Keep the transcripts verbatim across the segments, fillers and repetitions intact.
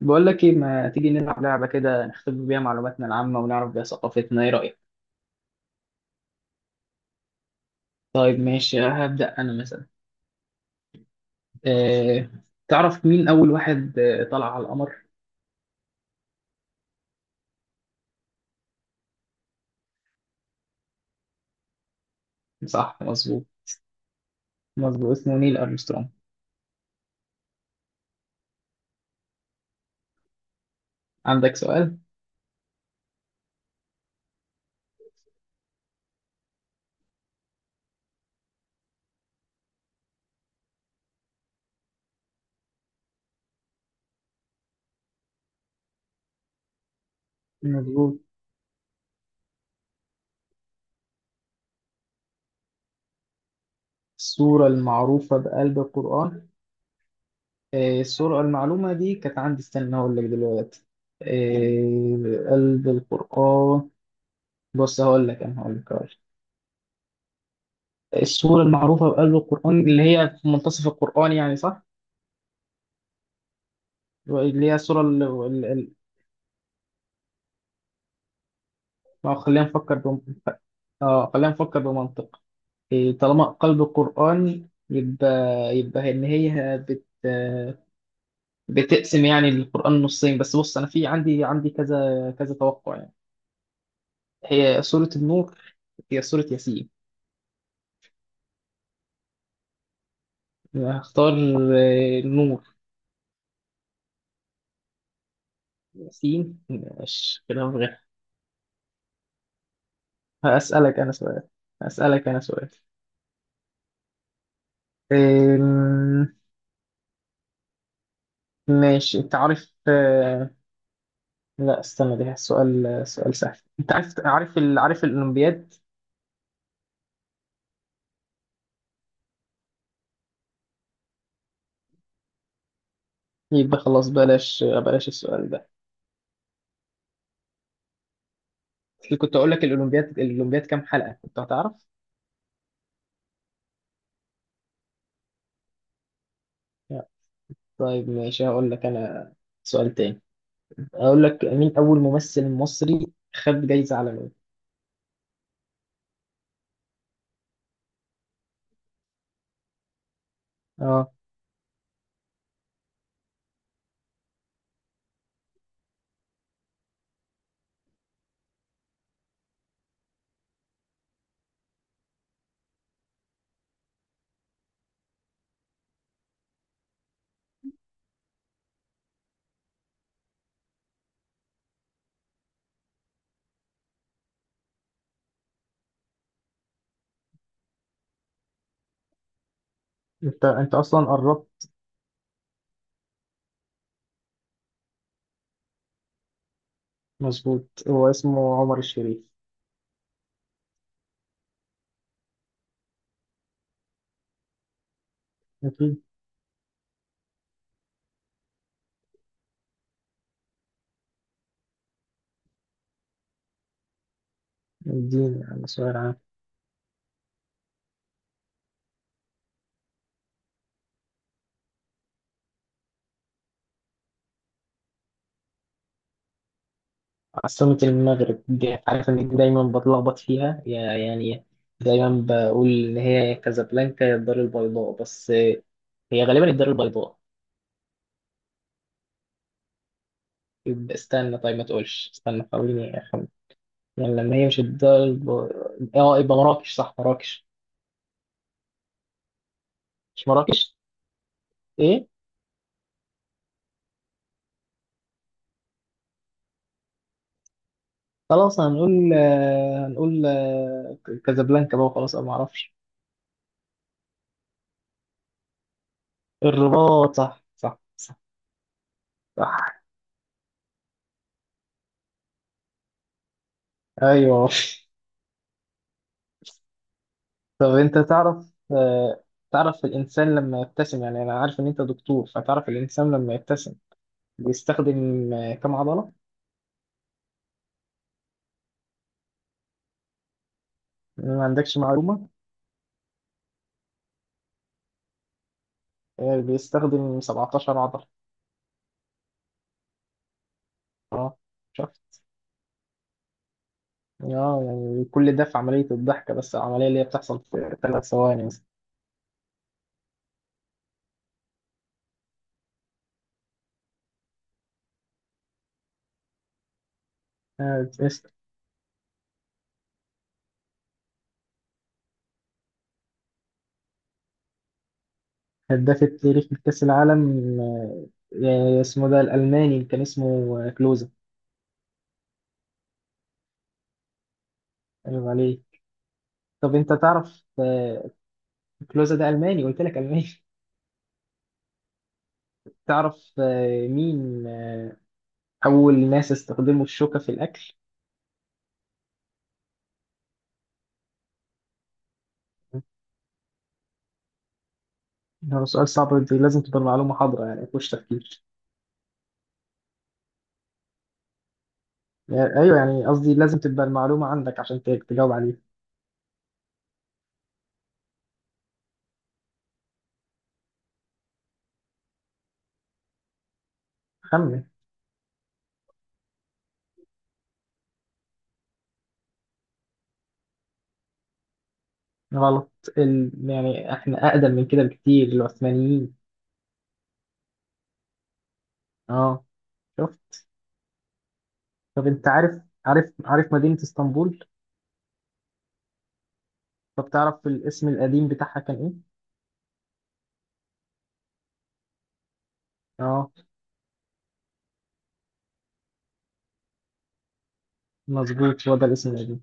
بقول لك ايه ما تيجي نلعب لعبة كده نختبر بيها معلوماتنا العامة ونعرف بيها ثقافتنا ايه رأيك؟ طيب ماشي هبدأ انا مثلا. أه... تعرف مين اول واحد آه، طلع على القمر؟ صح مظبوط. مظبوط اسمه نيل أرمسترونج. عندك سؤال؟ مظبوط. السورة المعروفة بقلب القرآن. أه... السورة المعلومة دي كانت عندي استنى هقول لك دلوقتي. أه... قلب القرآن. بص هقول لك انا هقول لك هقول لك. السورة المعروفة بقلب القرآن اللي هي في منتصف القرآن يعني صح؟ اللي هي الصورة ال- ال- ال- ما هو خلينا نفكر بم... اه خلينا نفكر بمنطق. إيه، طالما قلب القرآن يبقى يبقى إن هي بت بتقسم يعني القرآن نصين. بس بص أنا في عندي عندي كذا كذا توقع يعني. هي سورة النور، هي سورة ياسين. هختار آه، النور. ياسين مش كلام غير. هسألك أنا سؤال هسألك أنا سؤال. آم، ماشي أنت عارف. آه، لا استنى ده سؤال سؤال سهل. انت عارف عارف ال... عارف الاولمبياد. يبقى خلاص بلاش بلاش السؤال ده. اللي كنت اقول لك الاولمبياد الاولمبياد كام حلقة كنت هتعرف. لا. طيب ماشي هقول لك انا سؤال تاني. اقول لك مين اول ممثل مصري خد جايزة عالمية. اه، انت انت اصلا قربت. مظبوط هو اسمه عمر الشريف. اكيد اديني يعني سؤال عام. عاصمة المغرب دي عارف إن دي دايما بتلخبط فيها يا- يعني. دايما بقول إن هي يا كازابلانكا يا الدار البيضاء، بس هي غالبا الدار البيضاء. يبقى استنى، طيب ما تقولش استنى حاوليني أخمن. يعني لما هي مش الدار الب... اه يبقى مراكش. صح، مراكش. مش مراكش؟ ايه. خلاص هنقول آه، هنقول آه، كازابلانكا بقى. خلاص انا ما اعرفش. الرباط، صح صح صح، صح. ايوه. طب انت تعرف آه، تعرف الانسان لما يبتسم، يعني انا عارف ان انت دكتور، فتعرف الانسان لما يبتسم بيستخدم آه، كم عضلة؟ ما عندكش معلومة. آه، بيستخدم سبعتاشر عضلة. اه، شفت. اه يعني كل ده في عملية الضحكة، بس العملية اللي هي بتحصل في ثلاث ثواني مثلا. آه، اسم- هداف التاريخ لكأس العالم آه، آه، اسمه ده الألماني. كان اسمه آه، كلوزا. أيوة عليه. طب أنت تعرف آه، كلوزا ده ألماني، قلت لك ألماني. تعرف آه، مين آه، أول ناس استخدموا الشوكة في الأكل؟ ده سؤال صعب. دي لازم تبقى المعلومة حاضرة، يعني مفيهوش تفكير. يعني أيوه، يعني قصدي لازم تبقى المعلومة عندك عشان ت- تجاوب عليها. خمن. غلط. ال... يعني إحنا أقدم من كده بكتير. العثمانيين. أه، شفت. طب أنت عارف عارف عارف مدينة اسطنبول؟ طب تعرف الاسم القديم بتاعها كان إيه؟ أه، مظبوط، هو ده الاسم القديم.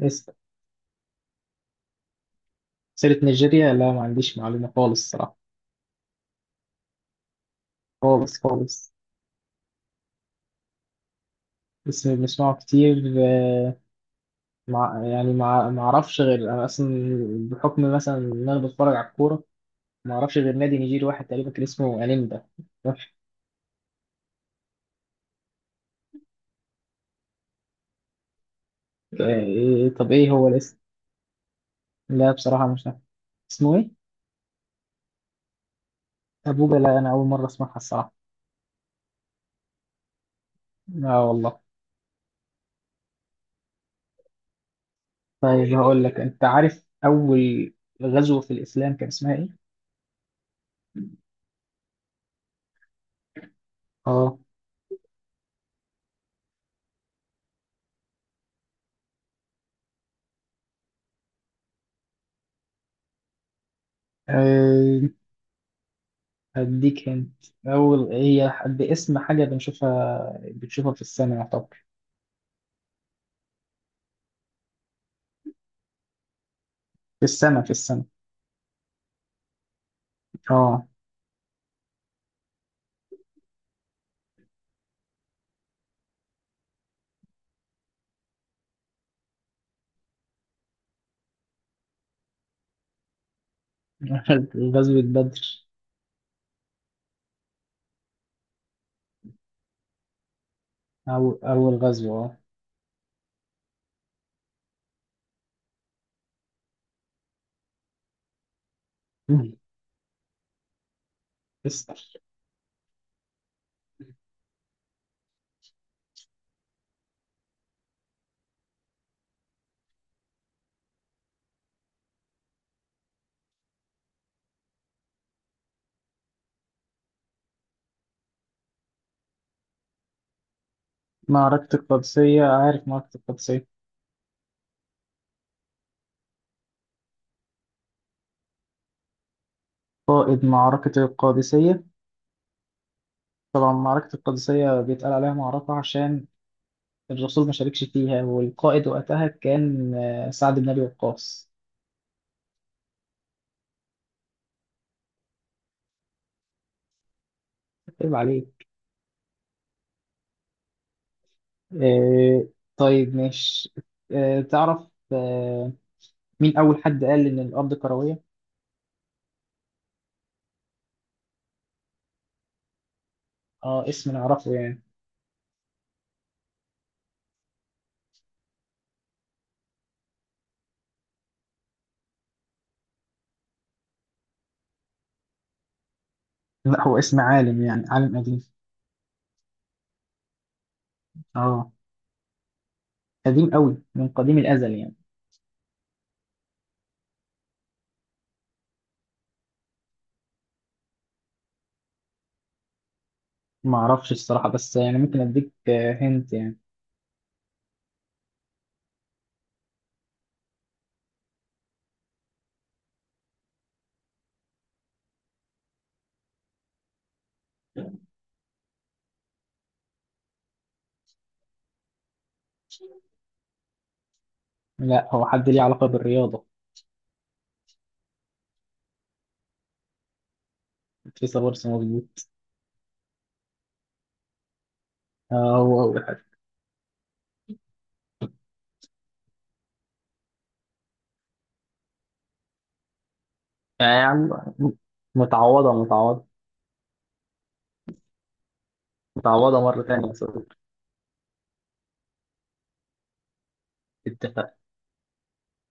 اسم سيرة نيجيريا؟ لا ما عنديش معلومة خالص الصراحة. خالص خالص. بس بسمعه كتير آه، مع يعني مع ما اعرفش غير انا اصلا بحكم مثلا ان انا بتفرج على الكوره. ما اعرفش غير نادي نيجيري واحد تقريبا كان اسمه انيمبا. آه، إيه، طب ايه هو الاسم؟ لا بصراحه مش عارف. اسمه ايه؟ ابوجا؟ لا انا اول مره اسمعها الصراحه. لا والله. طيب هقول لك، انت عارف اول غزوه في الاسلام كان اسمها ايه؟ اه. آه، هديك هنت. اول هي باسم حاجه بنشوفها بنشوفها في السماء يعتبر. في السماء في السماء. اه. غزوة بدر. أو أول غزوة أه مم. اسأل. معركة القادسية. عارف معركة القادسية. قائد معركة القادسية؟ طبعا معركة القادسية بيتقال عليها معركة عشان الرسول ما شاركش فيها، والقائد وقتها كان آه، سعد بن أبي وقاص. عيب عليك. آه، طيب مش آه، تعرف آه، مين أول حد قال إن الأرض كروية؟ اه، اسم نعرفه يعني. لا هو اسم عالم، يعني عالم قديم. اه قديم قوي، من قديم الأزل يعني. ما اعرفش الصراحة، بس يعني ممكن اديك هنت يعني. لا هو حد ليه علاقة بالرياضة. في صبرس، مظبوط. آه هو أول حاجة. يعني متعوضة متعوضة، متعوضة مرة تانية يا صديقي. اتفقنا.